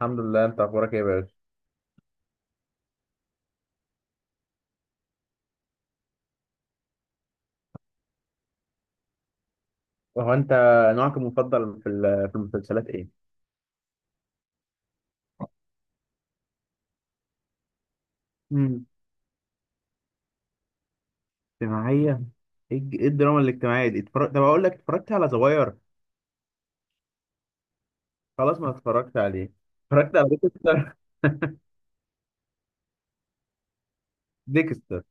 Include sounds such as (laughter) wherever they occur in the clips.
الحمد لله، انت اخبارك ايه يا باشا؟ وهو انت نوعك المفضل في في المسلسلات ايه؟ امم اجتماعية. ايه ايه الدراما الاجتماعيه دي طب اقول لك، اتفرجت على زواير؟ خلاص، ما اتفرجت عليه. اتفرجت على ديكستر. (laughs) ديكستر.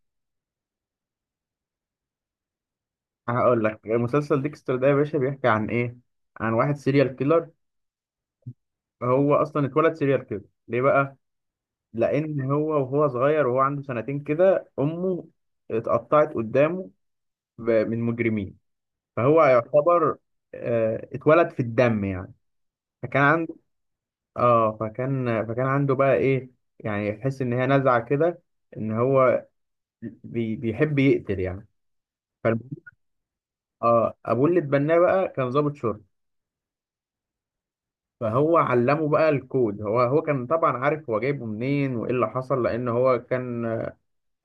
هقول لك مسلسل ديكستر ده يا باشا بيحكي عن ايه. عن واحد سيريال كيلر. هو اصلا اتولد سيريال كيلر. ليه بقى؟ لان هو وهو صغير وهو عنده سنتين كده، امه اتقطعت قدامه من مجرمين. فهو يعتبر، اتولد في الدم يعني. فكان، فكان عنده بقى ايه، يعني يحس ان هي نزعه كده، ان هو بيحب يقتل يعني. فالمهم، اه ابوه اللي اتبناه بقى كان ضابط شرطه. فهو علمه بقى الكود. هو كان طبعا عارف هو جايبه منين وايه اللي حصل، لان هو كان،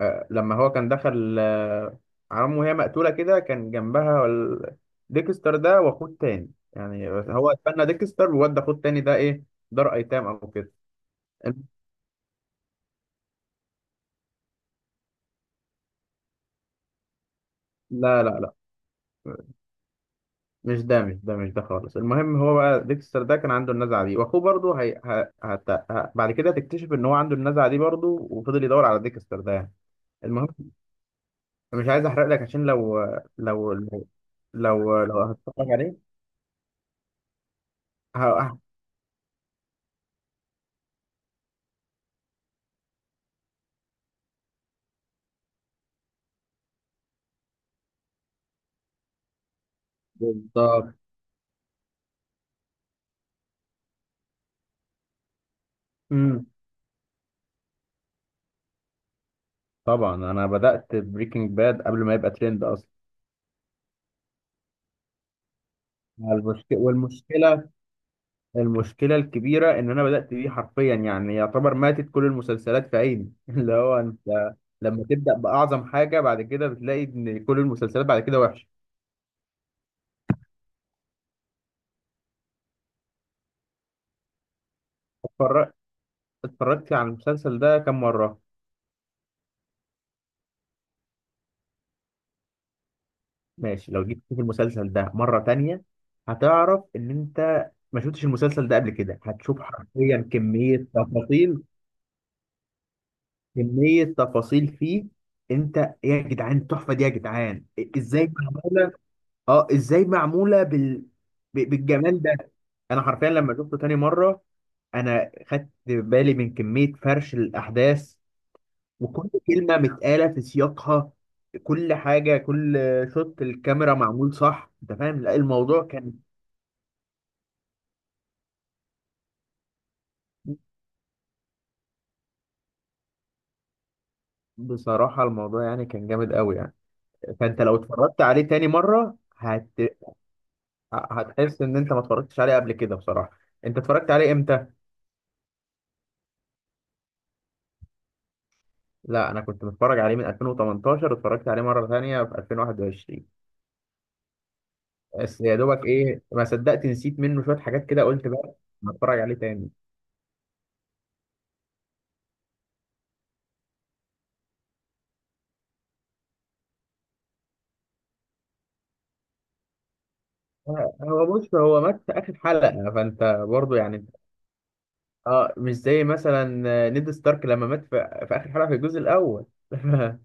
آه لما هو كان دخل على امه وهي مقتوله كده، كان جنبها ديكستر ده واخوه التاني. يعني هو اتبنى ديكستر، وودى اخوه التاني ده ايه، دار ايتام او كده. لا لا لا، مش ده خالص. المهم هو بقى ديكستر ده كان عنده النزعه دي، واخوه برضه هي... ه... هت... ه... بعد كده تكتشف ان هو عنده النزعه دي برضه، وفضل يدور على ديكستر ده يعني. المهم، مش عايز احرق لك، عشان لو، لو هتتفرج عليه. ه... ه- بالظبط. امم طبعا انا بدات بريكنج باد قبل ما يبقى ترند اصلا. والمشكله، المشكلة الكبيرة إن أنا بدأت بيه حرفيا، يعني يعتبر ماتت كل المسلسلات في عيني. (laughs) اللي هو أنت لما تبدأ بأعظم حاجة، بعد كده بتلاقي إن كل المسلسلات بعد كده وحشة. اتفرج- اتفرجت على المسلسل ده كم مرة؟ ماشي، لو جيت تشوف المسلسل ده مرة تانية، هتعرف إن أنت ما شفتش المسلسل ده قبل كده. هتشوف حرفيا كمية تفاصيل، كمية تفاصيل فيه. أنت، يا جدعان التحفة دي يا جدعان. إزاي معمولة؟ اه ازاي معموله بالجمال ده. انا حرفيا لما شفته تاني مره، انا خدت بالي من كميه فرش الاحداث، وكل كلمه متقاله في سياقها، كل حاجه كل شوت الكاميرا معمول صح. انت فاهم؟ لا الموضوع كان، بصراحه الموضوع يعني كان جامد قوي يعني. فانت لو اتفرجت عليه تاني مره هتحس ان انت ما اتفرجتش عليه قبل كده بصراحه. انت اتفرجت عليه امتى؟ لا انا كنت متفرج عليه من 2018، اتفرجت عليه مره ثانيه في 2021. بس يا دوبك ايه، ما صدقت نسيت منه شويه حاجات كده، قلت بقى هتفرج عليه تاني. آه، هو بص هو مات في اخر حلقه، فانت برضو يعني. اه مش زي مثلا، نيد ستارك لما مات في اخر حلقه في الجزء الاول. (laughs)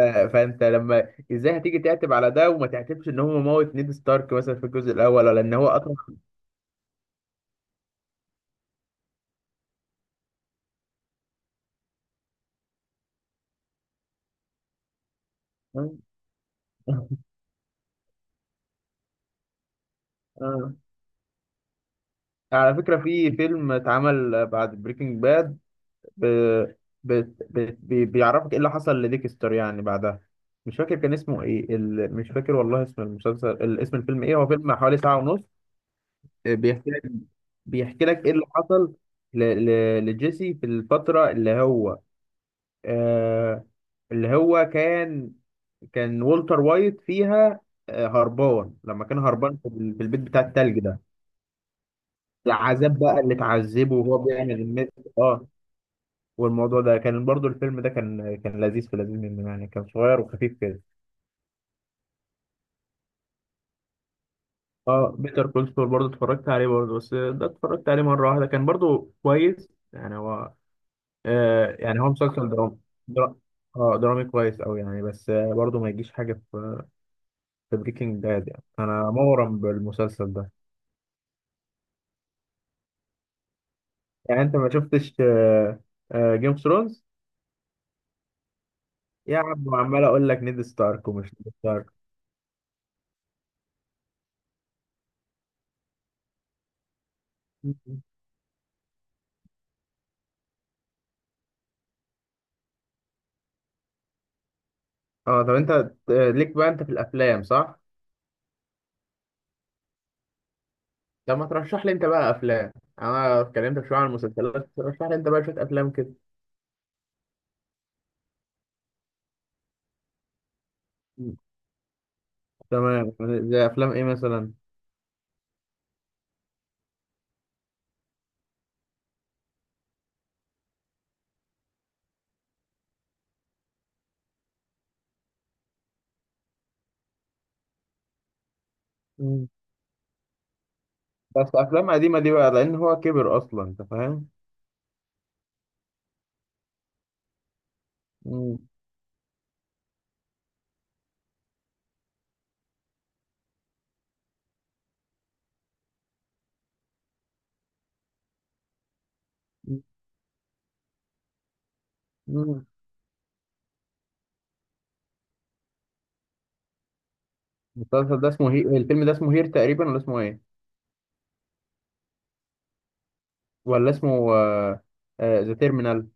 آه، فانت لما ازاي هتيجي تعتب على ده، وما تعتبش ان هو موت نيد ستارك مثلا في الجزء الاول، ولا ان هو اطرح. (laughs) آه. على فكره في فيلم اتعمل بعد بريكنج باد، ب... ب... ب... بيعرفك ايه اللي حصل لديكستر يعني بعدها. مش فاكر كان اسمه ايه مش فاكر والله اسم المسلسل، اسم الفيلم ايه. هو فيلم حوالي ساعة ونص. آه، بيحكي لك ايه اللي حصل ل... لجيسي في الفترة اللي هو، آه... اللي هو كان والتر وايت فيها، آه، هربان، لما كان هربان في في البيت بتاع التلج ده. العذاب بقى اللي اتعذبه وهو بيعمل النت، اه. والموضوع ده كان برضو، الفيلم ده كان لذيذ، في لذيذ منه يعني، كان صغير وخفيف كده. اه بيتر كول سول برضو اتفرجت عليه، برضو بس ده اتفرجت عليه مرة واحدة. كان برضو كويس يعني، هو آه يعني هو مسلسل درامي. درا... اه درامي كويس أوي يعني، بس آه برضو ما يجيش حاجة في، في بريكنج باد يعني. أنا مغرم بالمسلسل ده. يعني أنت ما شفتش آه، آه جيم اوف ثرونز؟ يا عم عمال أقول لك نيد ستارك ومش نيد ستارك. (laughs) اه طب أنت آه، ليك بقى أنت في الأفلام صح؟ طب ما ترشح لي انت بقى افلام. انا اتكلمت شويه عن المسلسلات، ترشح لي انت بقى شويه افلام كده. مم. تمام. زي افلام ايه مثلا؟ مم. بس افلام قديمه دي بقى، لان هو كبر اصلا، انت فاهم. مم. مم. المسلسل ده اسمه الفيلم ده اسمه هير تقريبا، ولا اسمه ايه؟ ولا اسمه ذا تيرمينال؟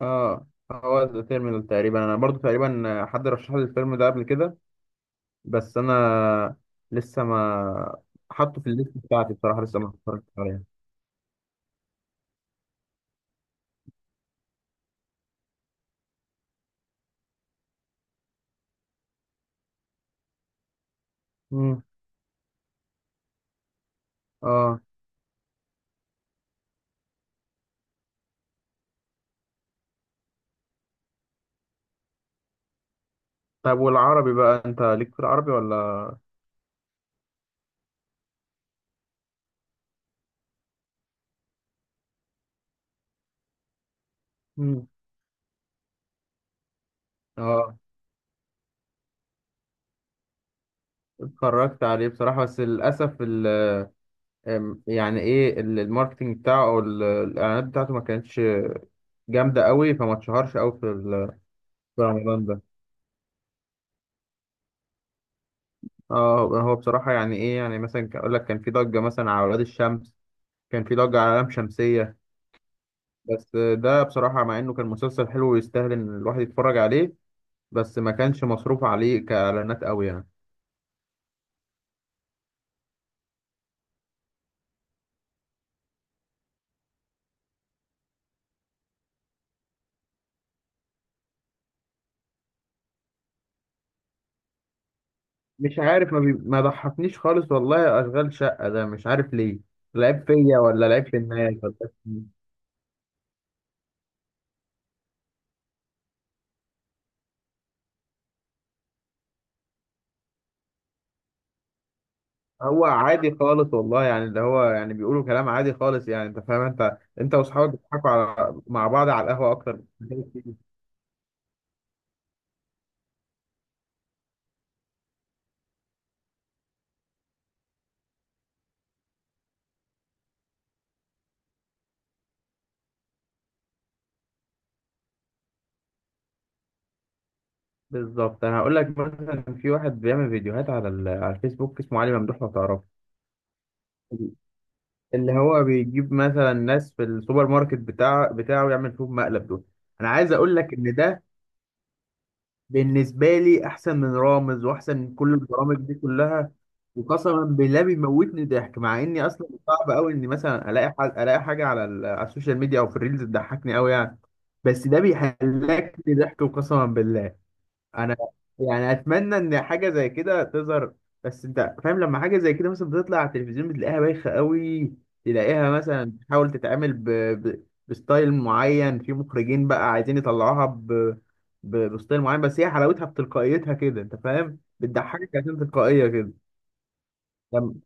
اه The Terminal. آه، هو ذا تيرمينال تقريبا. انا برضو تقريبا حد رشح لي الفيلم ده قبل كده، بس انا لسه ما حاطه في الليست بتاعتي بصراحه، لسه ما اتفرجتش عليها. مم. اه طيب، والعربي بقى انت ليك في العربي ولا؟ مم. اه اتفرجت عليه بصراحة، بس للأسف يعني ايه الماركتينج بتاعه، او الاعلانات بتاعته ما كانتش جامدة قوي، فما اتشهرش قوي في في رمضان ده. اه هو بصراحة يعني ايه، يعني مثلا اقول لك كان في ضجة مثلا على ولاد الشمس، كان في ضجة على لام شمسية، بس ده بصراحة مع انه كان مسلسل حلو ويستاهل ان الواحد يتفرج عليه، بس ما كانش مصروف عليه كإعلانات قوي يعني. مش عارف ما ضحكنيش خالص والله اشغال شقه ده، مش عارف ليه. لعيب فيا، ولا لعيب في الناس، ولا لعيب في مين؟ هو عادي خالص والله، يعني اللي هو يعني بيقولوا كلام عادي خالص يعني، انت فاهم انت واصحابك بتضحكوا على مع بعض على القهوه اكتر. بالظبط. انا هقول لك، مثلا في واحد بيعمل فيديوهات على على الفيسبوك، اسمه علي ممدوح، لو تعرفه، اللي هو بيجيب مثلا ناس في السوبر ماركت بتاعه، يعمل فيهم مقلب. دول انا عايز اقول لك ان ده بالنسبة لي أحسن من رامز وأحسن من كل البرامج دي كلها. وقسما بالله بيموتني ضحك، مع إني أصلا صعب أوي إني مثلا ألاقي حاجة على السوشيال ميديا أو في الريلز تضحكني أوي يعني. بس ده بيهلكني ضحك وقسما بالله. انا يعني اتمنى ان حاجه زي كده تظهر، بس انت فاهم لما حاجه زي كده مثلا بتطلع على التلفزيون بتلاقيها بايخه قوي. تلاقيها مثلا تحاول تتعامل بستايل معين، في مخرجين بقى عايزين يطلعوها بستايل معين، بس هي حلاوتها بتلقائيتها كده، انت فاهم، بتضحكك عشان تلقائيه كده. لم...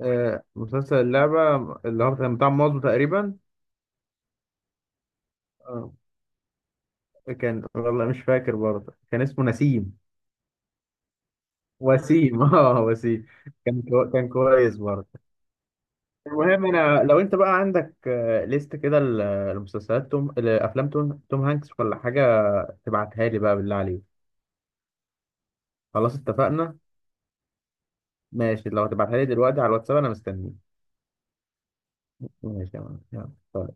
آه مسلسل اللعبه، اللي هو كان بتاع مازو تقريبا. آه كان، والله مش فاكر، برضه كان اسمه نسيم، وسيم. (laughs) اه وسيم. كان كويس برضه. المهم، انا لو انت بقى عندك آه، ليست كده لمسلسلات لافلام توم هانكس ولا حاجه، تبعتها لي بقى بالله عليك. خلاص اتفقنا. ماشي، لو هتبعتها لي دلوقتي على الواتساب انا مستنيك. ماشي يا معلم. يلا.